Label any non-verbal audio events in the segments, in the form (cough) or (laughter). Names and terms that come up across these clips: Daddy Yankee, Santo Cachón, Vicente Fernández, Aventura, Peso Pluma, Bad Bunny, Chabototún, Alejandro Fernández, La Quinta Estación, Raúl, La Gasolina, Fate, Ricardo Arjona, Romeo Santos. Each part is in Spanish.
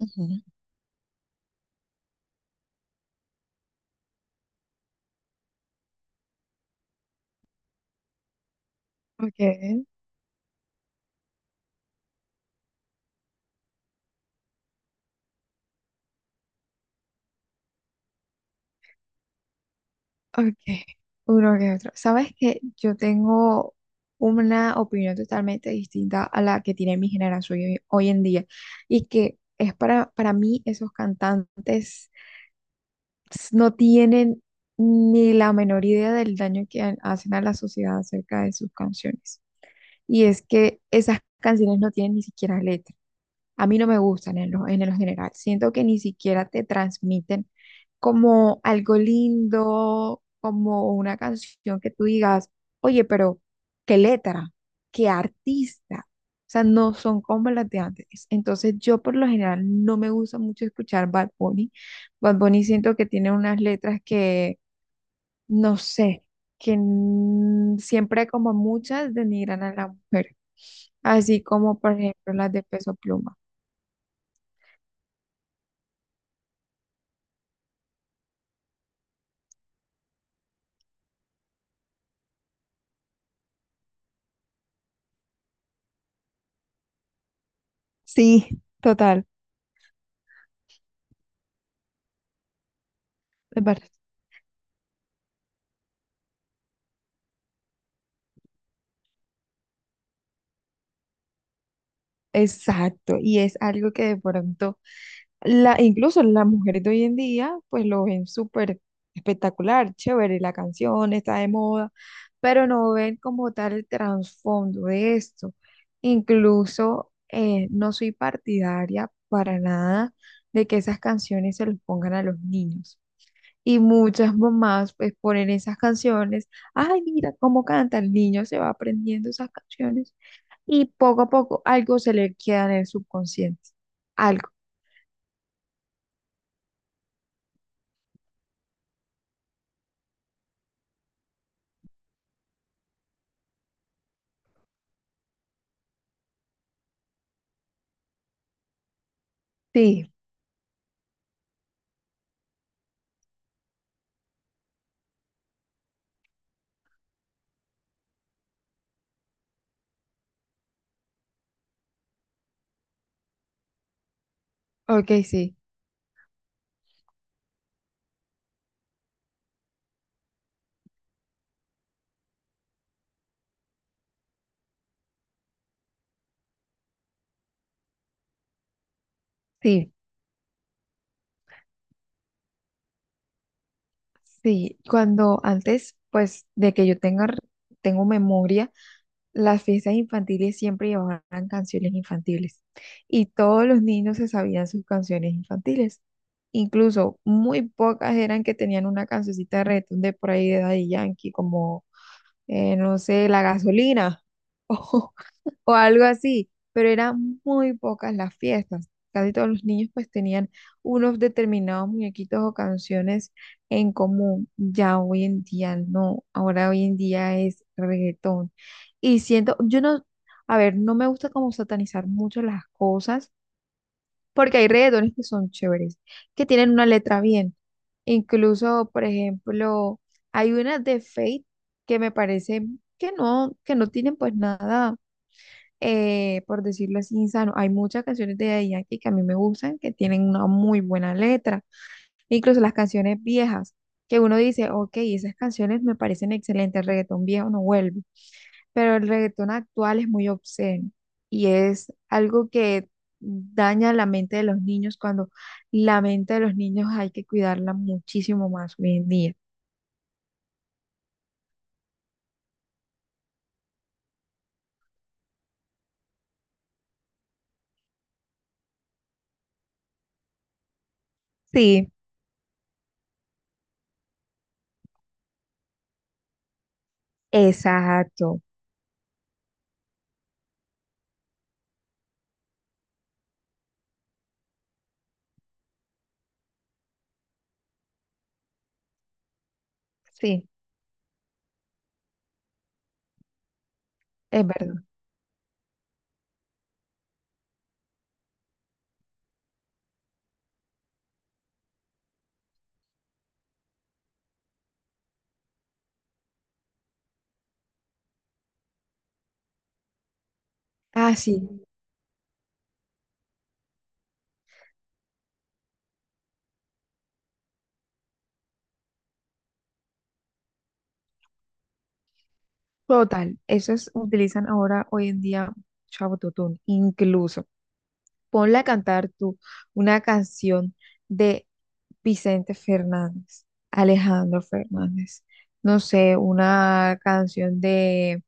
Ujú. Okay, okay, uno que otro. Sabes que yo tengo una opinión totalmente distinta a la que tiene mi generación hoy en día y que es para mí. Esos cantantes no tienen ni la menor idea del daño que hacen a la sociedad acerca de sus canciones. Y es que esas canciones no tienen ni siquiera letra. A mí no me gustan en en lo general. Siento que ni siquiera te transmiten como algo lindo, como una canción que tú digas, oye, pero qué letra, qué artista. O sea, no son como las de antes. Entonces, yo por lo general no me gusta mucho escuchar Bad Bunny. Bad Bunny siento que tiene unas letras que, no sé, siempre como muchas denigran a la mujer. Así como, por ejemplo, las de Peso Pluma. Sí, total, me parece- exacto. Y es algo que de pronto, incluso las mujeres de hoy en día, pues lo ven súper espectacular, chévere, la canción está de moda, pero no ven como tal el trasfondo de esto. Incluso no soy partidaria para nada de que esas canciones se los pongan a los niños. Y muchas mamás pues ponen esas canciones. Ay, mira cómo canta el niño, se va aprendiendo esas canciones. Y poco a poco algo se le queda en el subconsciente. Algo. Sí, ok, sí, sí, sí. Cuando antes, pues de que yo tengo memoria, las fiestas infantiles siempre llevaban canciones infantiles y todos los niños se sabían sus canciones infantiles. Incluso muy pocas eran que tenían una cancioncita de reggaetón de por ahí de Daddy Yankee, como, no sé, La Gasolina (laughs) o, o algo así, pero eran muy pocas las fiestas. Casi todos los niños pues tenían unos determinados muñequitos o canciones en común. Ya hoy en día no, ahora hoy en día es reggaetón. Y siento, yo no, a ver, no me gusta como satanizar mucho las cosas, porque hay reggaetones que son chéveres, que tienen una letra bien. Incluso, por ejemplo, hay una de Fate que me parece que no tienen pues nada por decirlo así, insano. Hay muchas canciones de Daddy Yankee que a mí me gustan, que tienen una muy buena letra. Incluso las canciones viejas, que uno dice, ok, esas canciones me parecen excelentes, el reggaetón viejo no vuelve, pero el reggaetón actual es muy obsceno y es algo que daña la mente de los niños cuando la mente de los niños hay que cuidarla muchísimo más hoy en día. Sí, exacto. Sí, es verdad. Ah, sí. Total, esos utilizan ahora hoy en día Chabototún, incluso. Ponle a cantar tú una canción de Vicente Fernández, Alejandro Fernández, no sé, una canción de,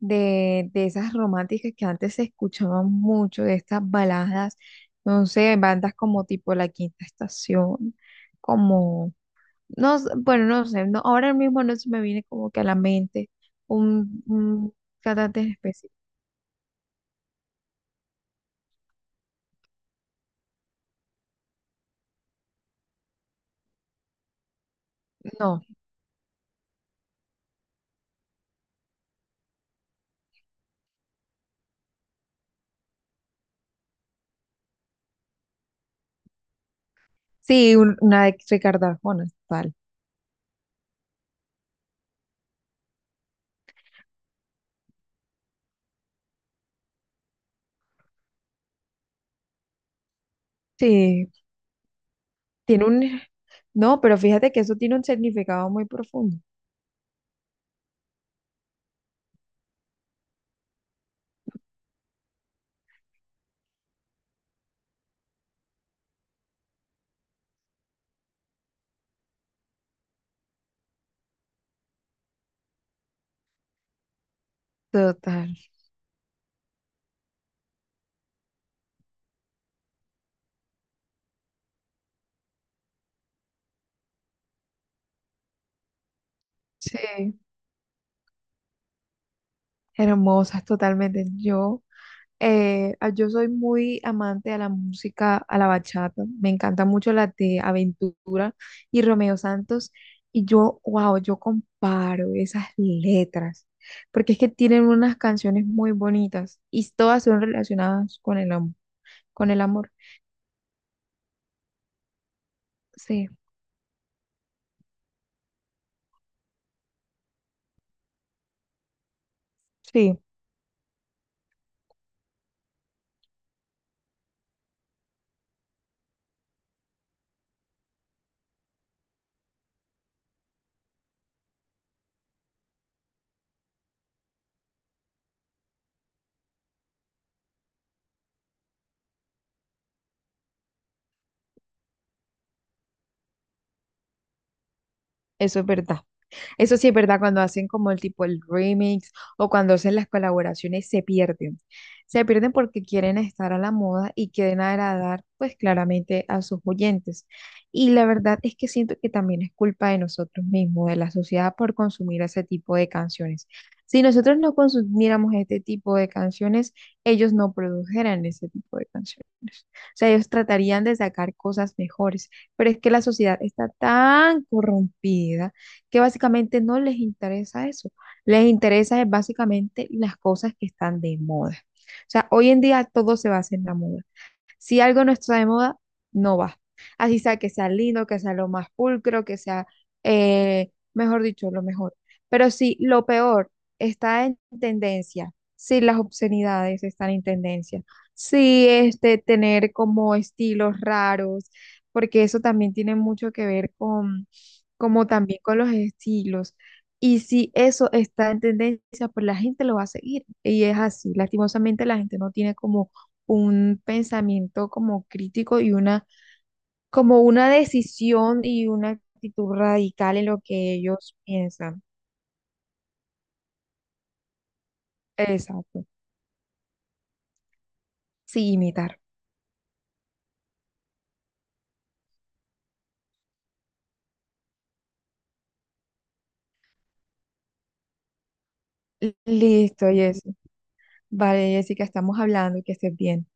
de, de esas románticas que antes se escuchaban mucho, de estas baladas, no sé, bandas como tipo La Quinta Estación, bueno, no sé, no, ahora mismo no se me viene como que a la mente un cantante en específico. No, sí, una de Ricardo Arjona, tal. Sí, tiene un... No, pero fíjate que eso tiene un significado muy profundo. Total, sí, hermosas totalmente. Yo yo soy muy amante a la música, a la bachata. Me encanta mucho la de Aventura y Romeo Santos. Y yo, wow, yo comparo esas letras, porque es que tienen unas canciones muy bonitas y todas son relacionadas con el amor, con el amor. Sí, sí, eso es verdad. Eso sí es verdad, cuando hacen como el tipo el remix o cuando hacen las colaboraciones se pierden. Se pierden porque quieren estar a la moda y quieren agradar pues claramente a sus oyentes. Y la verdad es que siento que también es culpa de nosotros mismos, de la sociedad por consumir ese tipo de canciones. Si nosotros no consumiéramos este tipo de canciones, ellos no produjeran ese tipo de canciones. O sea, ellos tratarían de sacar cosas mejores, pero es que la sociedad está tan corrompida que básicamente no les interesa eso. Les interesa es básicamente las cosas que están de moda. O sea, hoy en día todo se basa en la moda. Si algo no está de moda, no va. Así sea que sea lindo, que sea lo más pulcro, que sea, mejor dicho, lo mejor. Pero si lo peor está en tendencia, si las obscenidades están en tendencia, si este tener como estilos raros, porque eso también tiene mucho que ver con como también con los estilos. Y si eso está en tendencia, pues la gente lo va a seguir. Y es así. Lastimosamente la gente no tiene como un pensamiento como crítico y una, como una decisión y una actitud radical en lo que ellos piensan. Exacto. Sí, imitar. Listo, Jessica. Vale, Jessica, estamos hablando, que estés bien.